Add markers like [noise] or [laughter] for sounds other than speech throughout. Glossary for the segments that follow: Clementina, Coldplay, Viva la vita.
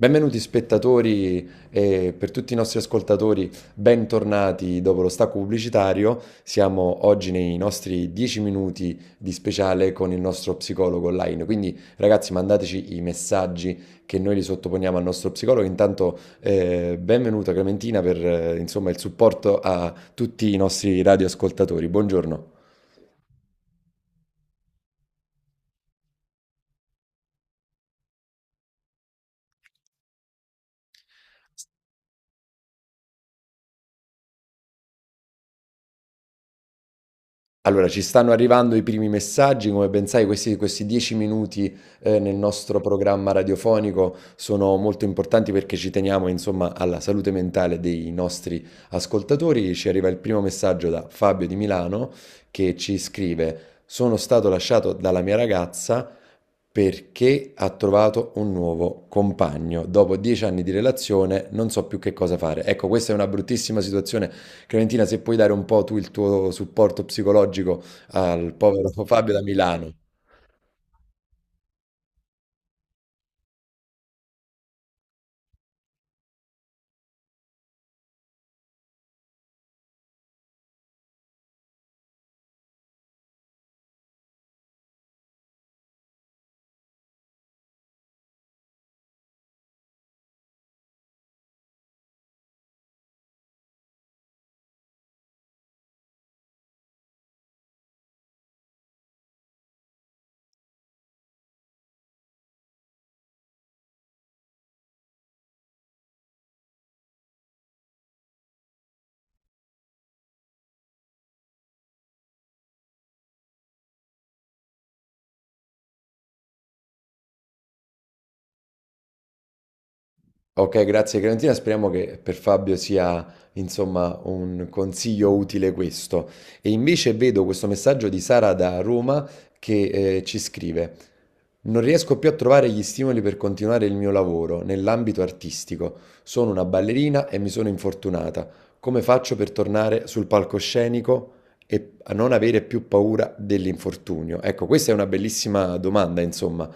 Benvenuti spettatori e per tutti i nostri ascoltatori, bentornati dopo lo stacco pubblicitario. Siamo oggi nei nostri 10 minuti di speciale con il nostro psicologo online. Quindi ragazzi mandateci i messaggi che noi li sottoponiamo al nostro psicologo. Intanto benvenuta Clementina per insomma, il supporto a tutti i nostri radioascoltatori. Buongiorno. Allora, ci stanno arrivando i primi messaggi, come ben sai questi 10 minuti, nel nostro programma radiofonico sono molto importanti perché ci teniamo insomma alla salute mentale dei nostri ascoltatori. Ci arriva il primo messaggio da Fabio di Milano che ci scrive: "Sono stato lasciato dalla mia ragazza perché ha trovato un nuovo compagno. Dopo 10 anni di relazione non so più che cosa fare". Ecco, questa è una bruttissima situazione Clementina, se puoi dare un po' tu il tuo supporto psicologico al povero [laughs] Fabio da Milano. Ok, grazie Clementina, speriamo che per Fabio sia insomma un consiglio utile questo. E invece vedo questo messaggio di Sara da Roma che ci scrive: non riesco più a trovare gli stimoli per continuare il mio lavoro nell'ambito artistico. Sono una ballerina e mi sono infortunata. Come faccio per tornare sul palcoscenico e a non avere più paura dell'infortunio? Ecco, questa è una bellissima domanda, insomma.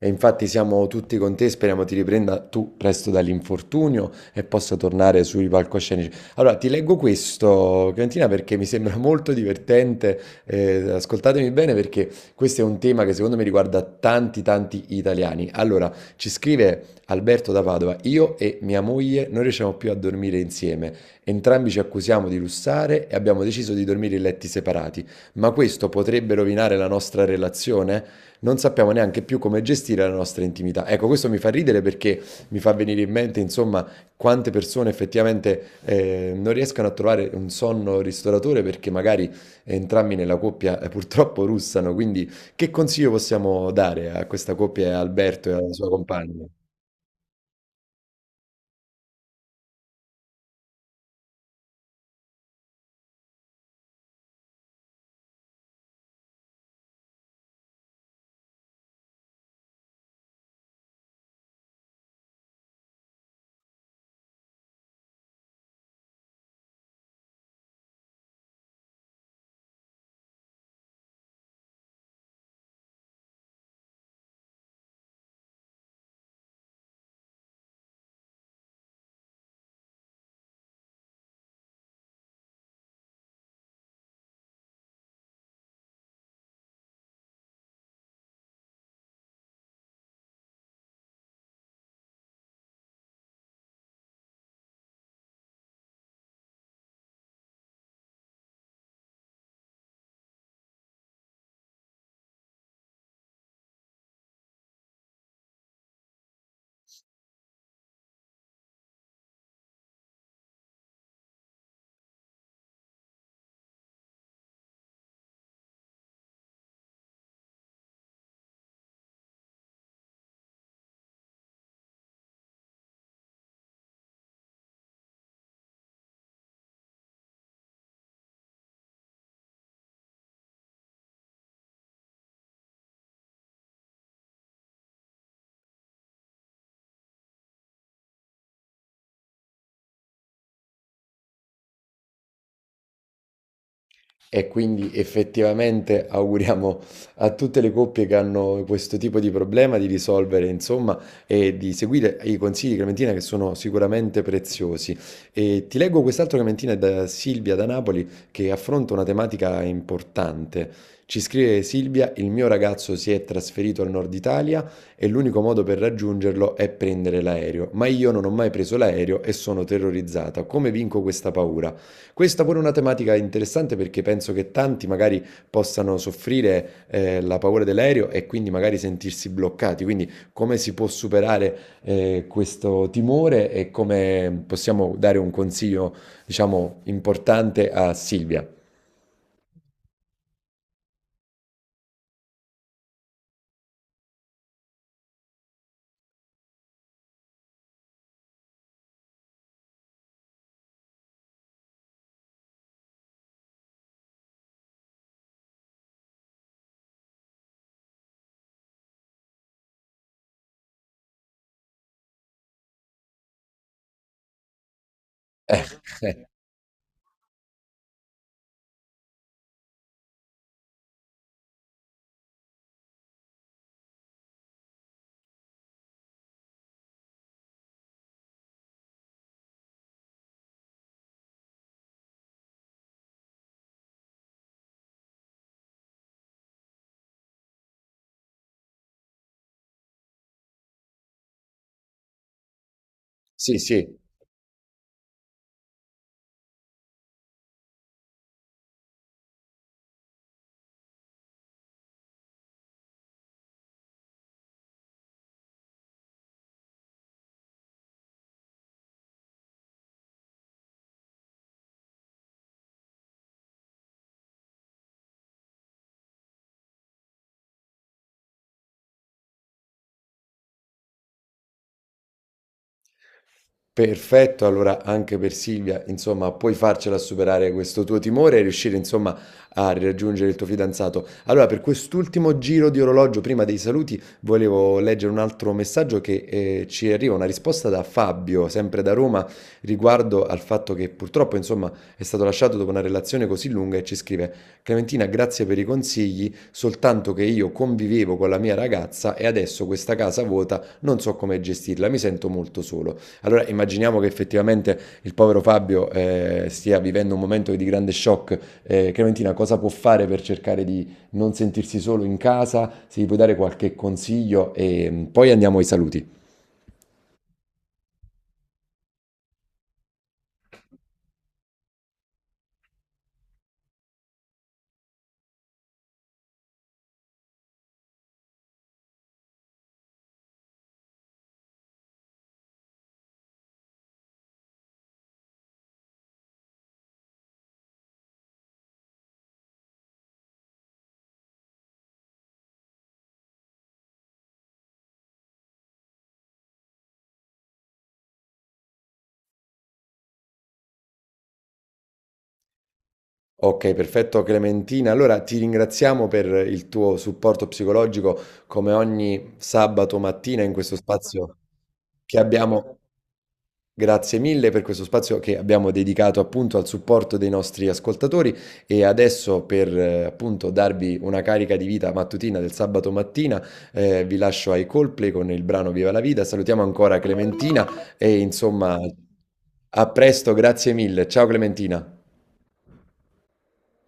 E infatti siamo tutti con te, speriamo ti riprenda tu presto dall'infortunio e possa tornare sui palcoscenici. Allora, ti leggo questo, Clementina, perché mi sembra [laughs] molto divertente. Ascoltatemi bene perché questo è un tema che secondo me riguarda tanti, tanti italiani. Allora, ci scrive Alberto da Padova, io e mia moglie non riusciamo più a dormire insieme. Entrambi ci accusiamo di lussare e abbiamo deciso di dormire in letti separati. Ma questo potrebbe rovinare la nostra relazione? Non sappiamo neanche più come gestire la nostra intimità. Ecco, questo mi fa ridere perché mi fa venire in mente, insomma, quante persone effettivamente non riescono a trovare un sonno ristoratore perché magari entrambi nella coppia purtroppo russano. Quindi, che consiglio possiamo dare a questa coppia e a Alberto e alla sua compagna? E quindi effettivamente [laughs] auguriamo a tutte le coppie che hanno questo tipo di problema di risolvere, insomma, e di seguire i consigli di Clementina che sono sicuramente preziosi. E ti leggo quest'altro Clementina da Silvia da Napoli che affronta una tematica importante. Ci scrive Silvia, il mio ragazzo si è trasferito al nord Italia e l'unico modo per raggiungerlo è prendere l'aereo, ma io non ho mai preso l'aereo e sono terrorizzata. Come vinco questa paura? Questa pure è una tematica interessante perché penso che tanti magari possano soffrire la paura dell'aereo e quindi magari sentirsi bloccati. Quindi come si può superare questo timore e come possiamo dare un consiglio, diciamo, importante a Silvia? [laughs] Eh, eh, sì, sì. Perfetto, allora anche per Silvia, insomma, puoi farcela superare questo tuo timore e riuscire, insomma, a raggiungere il tuo fidanzato. Allora, per quest'ultimo giro di orologio, prima dei saluti, volevo leggere un altro messaggio che ci arriva, una risposta da Fabio, sempre da Roma, riguardo al fatto che purtroppo, insomma, è stato lasciato dopo una relazione così lunga e ci scrive: Clementina, grazie per i consigli, soltanto che io convivevo con la mia ragazza e adesso questa casa vuota non so come gestirla, mi sento molto solo. Allora immaginiamo che effettivamente il povero Fabio stia vivendo un momento di grande shock. Clementina, cosa può fare per cercare di non sentirsi solo in casa? Se gli puoi dare qualche consiglio e mm, poi andiamo ai saluti. Ok, perfetto Clementina. Allora ti ringraziamo per il tuo supporto psicologico come ogni sabato mattina in questo spazio che abbiamo. Grazie mille per questo spazio che abbiamo dedicato appunto al supporto dei nostri ascoltatori e adesso per appunto darvi una carica di vita mattutina del sabato mattina vi lascio ai Coldplay con il brano Viva la vita. Salutiamo ancora Clementina e insomma a presto, grazie mille. Ciao Clementina.